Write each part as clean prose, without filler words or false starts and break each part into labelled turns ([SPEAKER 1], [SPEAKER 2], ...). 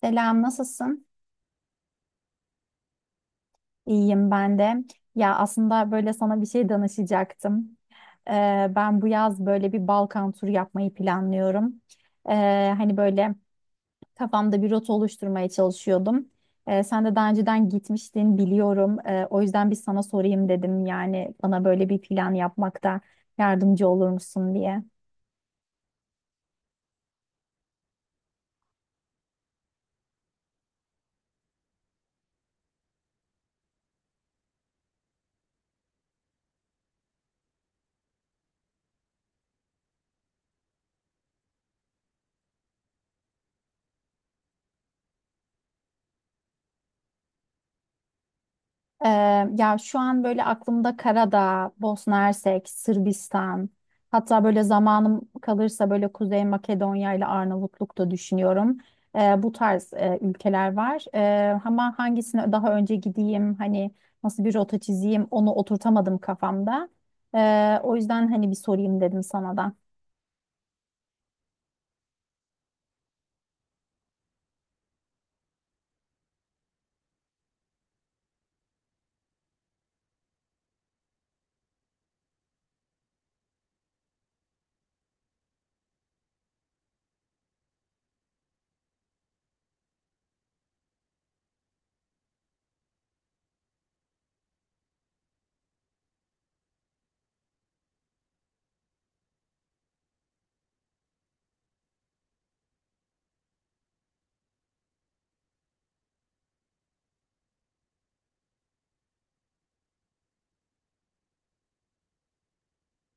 [SPEAKER 1] Selam, nasılsın? İyiyim ben de. Ya aslında böyle sana bir şey danışacaktım. Ee, Ben bu yaz böyle bir Balkan turu yapmayı planlıyorum. Hani böyle kafamda bir rota oluşturmaya çalışıyordum. Sen de daha önceden gitmiştin biliyorum. O yüzden bir sana sorayım dedim. Yani bana böyle bir plan yapmakta yardımcı olur musun diye. Ee, Ya şu an böyle aklımda Karadağ, Bosna Hersek, Sırbistan, hatta böyle zamanım kalırsa böyle Kuzey Makedonya ile Arnavutluk da düşünüyorum. Bu tarz ülkeler var. Ama hangisine daha önce gideyim, hani nasıl bir rota çizeyim onu oturtamadım kafamda. O yüzden hani bir sorayım dedim sana da.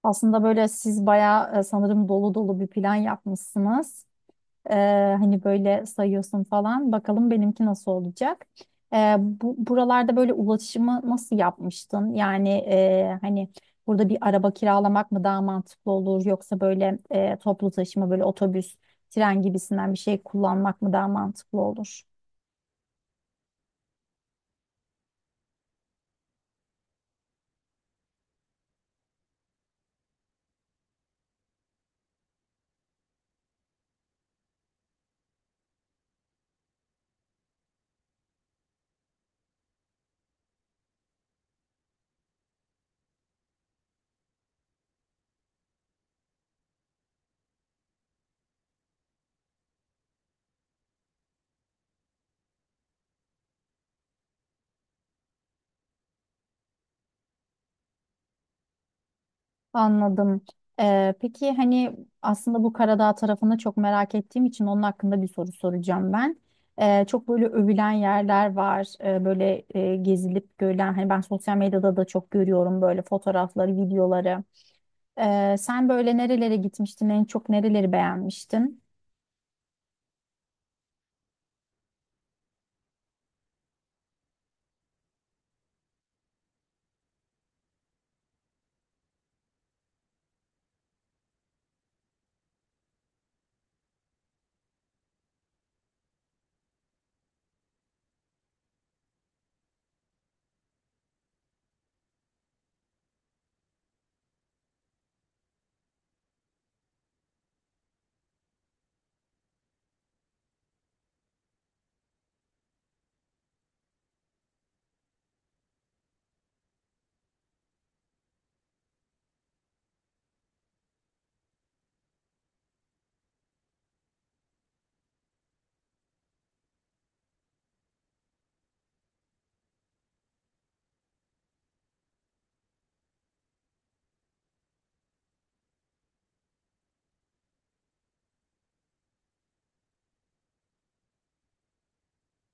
[SPEAKER 1] Aslında böyle siz bayağı sanırım dolu dolu bir plan yapmışsınız. Ee, Hani böyle sayıyorsun falan. Bakalım benimki nasıl olacak? Buralarda böyle ulaşımı nasıl yapmıştın? Yani hani burada bir araba kiralamak mı daha mantıklı olur? Yoksa böyle toplu taşıma böyle otobüs, tren gibisinden bir şey kullanmak mı daha mantıklı olur? Anladım. Peki hani aslında bu Karadağ tarafını çok merak ettiğim için onun hakkında bir soru soracağım ben. Çok böyle övülen yerler var. Böyle gezilip görülen hani ben sosyal medyada da çok görüyorum böyle fotoğrafları, videoları. Sen böyle nerelere gitmiştin? En çok nereleri beğenmiştin?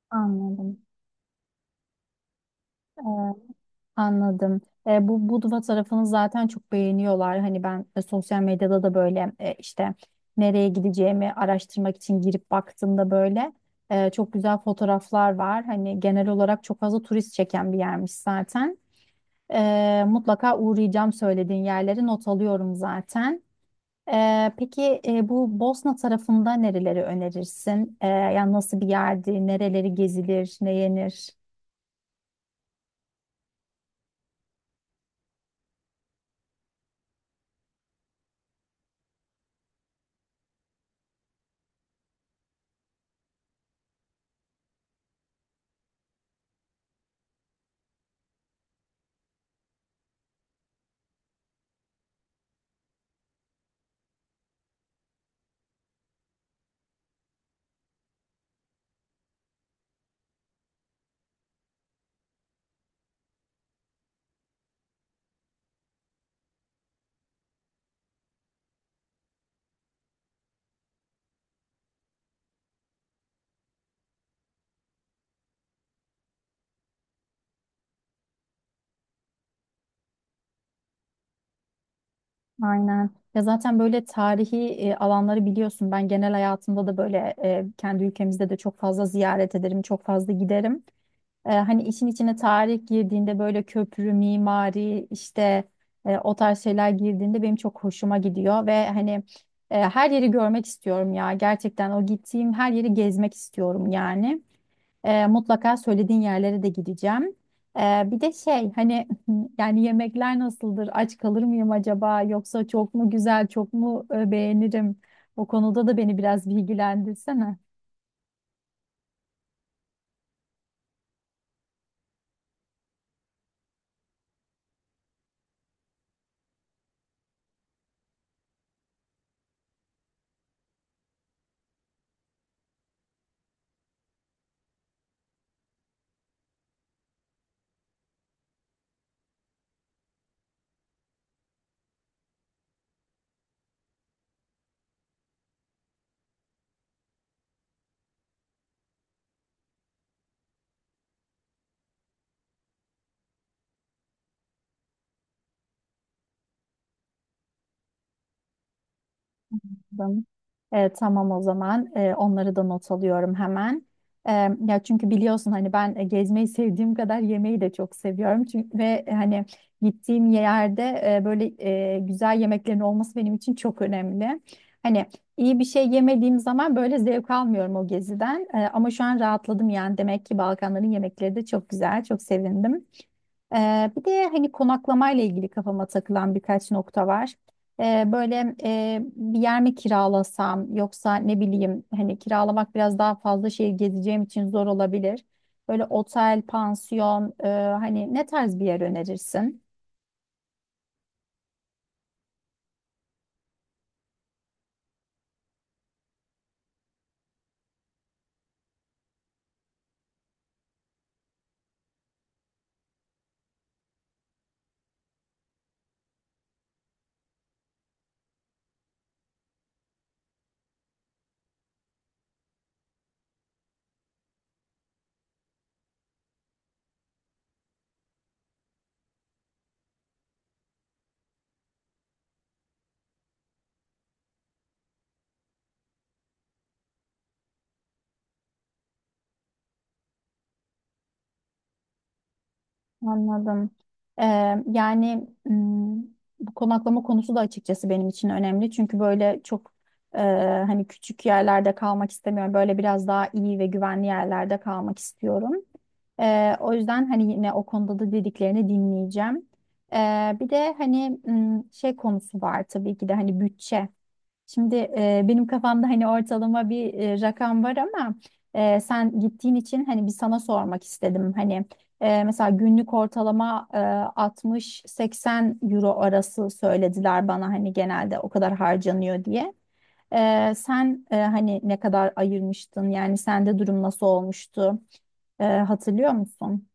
[SPEAKER 1] Anladım. Anladım. Bu Budva tarafını zaten çok beğeniyorlar. Hani ben sosyal medyada da böyle işte nereye gideceğimi araştırmak için girip baktığımda böyle çok güzel fotoğraflar var. Hani genel olarak çok fazla turist çeken bir yermiş zaten. Mutlaka uğrayacağım söylediğin yerleri not alıyorum zaten. Peki bu Bosna tarafında nereleri önerirsin? Yani nasıl bir yerdi, nereleri gezilir, ne yenir? Aynen. Ya zaten böyle tarihi alanları biliyorsun. Ben genel hayatımda da böyle kendi ülkemizde de çok fazla ziyaret ederim, çok fazla giderim. Hani işin içine tarih girdiğinde böyle köprü, mimari işte o tarz şeyler girdiğinde benim çok hoşuma gidiyor ve hani her yeri görmek istiyorum ya. Gerçekten o gittiğim her yeri gezmek istiyorum yani. Mutlaka söylediğin yerlere de gideceğim. E, Bir de şey hani yani yemekler nasıldır? Aç kalır mıyım acaba? Yoksa çok mu güzel, çok mu beğenirim? O konuda da beni biraz bilgilendirsene. Anladım. Tamam, o zaman onları da not alıyorum hemen. E, Ya çünkü biliyorsun hani ben gezmeyi sevdiğim kadar yemeği de çok seviyorum. Çünkü ve hani gittiğim yerde böyle güzel yemeklerin olması benim için çok önemli. Hani iyi bir şey yemediğim zaman böyle zevk almıyorum o geziden. Ama şu an rahatladım yani demek ki Balkanların yemekleri de çok güzel. Çok sevindim. Bir de hani konaklamayla ilgili kafama takılan birkaç nokta var. Böyle bir yer mi kiralasam yoksa ne bileyim hani kiralamak biraz daha fazla şehir gezeceğim için zor olabilir. Böyle otel, pansiyon hani ne tarz bir yer önerirsin? Anladım. Ee, Yani bu konaklama konusu da açıkçası benim için önemli. Çünkü böyle çok e, hani küçük yerlerde kalmak istemiyorum. Böyle biraz daha iyi ve güvenli yerlerde kalmak istiyorum. O yüzden hani yine o konuda da dediklerini dinleyeceğim. Bir de hani şey konusu var tabii ki de hani bütçe. Şimdi benim kafamda hani ortalama bir rakam var ama sen gittiğin için hani bir sana sormak istedim. Hani mesela günlük ortalama 60-80 euro arası söylediler bana hani genelde o kadar harcanıyor diye. Sen hani ne kadar ayırmıştın yani sende durum nasıl olmuştu. Hatırlıyor musun?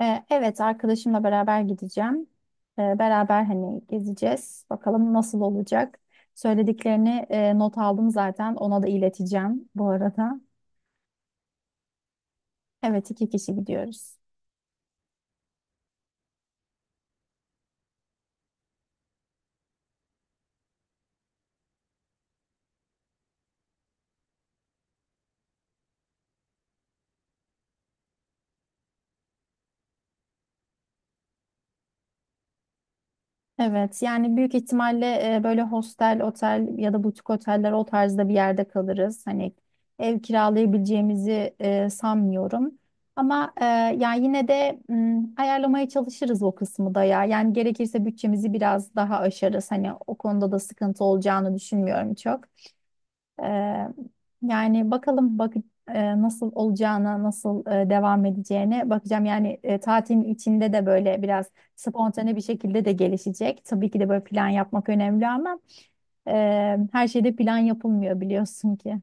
[SPEAKER 1] Evet, arkadaşımla beraber gideceğim. Beraber hani gezeceğiz. Bakalım nasıl olacak. Söylediklerini not aldım zaten. Ona da ileteceğim bu arada. Evet, iki kişi gidiyoruz. Evet, yani büyük ihtimalle böyle hostel, otel ya da butik oteller o tarzda bir yerde kalırız. Hani ev kiralayabileceğimizi sanmıyorum. Ama yani yine de ayarlamaya çalışırız o kısmı da ya. Yani gerekirse bütçemizi biraz daha aşarız. Hani o konuda da sıkıntı olacağını düşünmüyorum çok. Ee, Yani bakalım nasıl olacağına, nasıl devam edeceğine bakacağım. Yani tatilin içinde de böyle biraz spontane bir şekilde de gelişecek. Tabii ki de böyle plan yapmak önemli ama e, her şeyde plan yapılmıyor biliyorsun ki.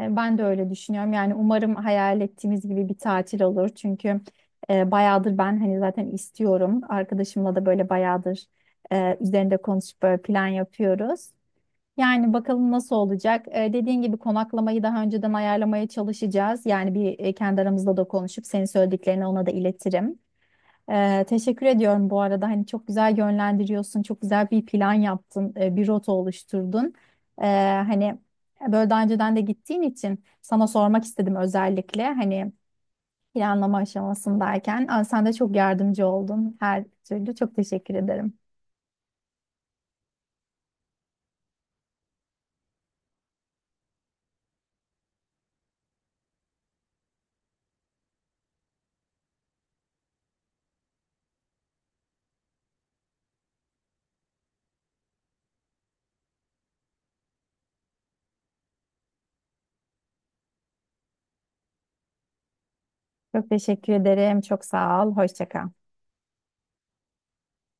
[SPEAKER 1] Ben de öyle düşünüyorum. Yani umarım hayal ettiğimiz gibi bir tatil olur. Çünkü bayağıdır ben hani zaten istiyorum. Arkadaşımla da böyle bayağıdır üzerinde konuşup böyle plan yapıyoruz. Yani bakalım nasıl olacak. Dediğin gibi konaklamayı daha önceden ayarlamaya çalışacağız. Yani bir kendi aramızda da konuşup senin söylediklerini ona da iletirim. Teşekkür ediyorum bu arada. Hani çok güzel yönlendiriyorsun, çok güzel bir plan yaptın, bir rota oluşturdun. Ee, Hani böyle daha önceden de gittiğin için sana sormak istedim özellikle. Hani planlama aşamasındayken. Aa, sen de çok yardımcı oldun her türlü. Çok teşekkür ederim. Çok teşekkür ederim. Çok sağ ol. Hoşça kal.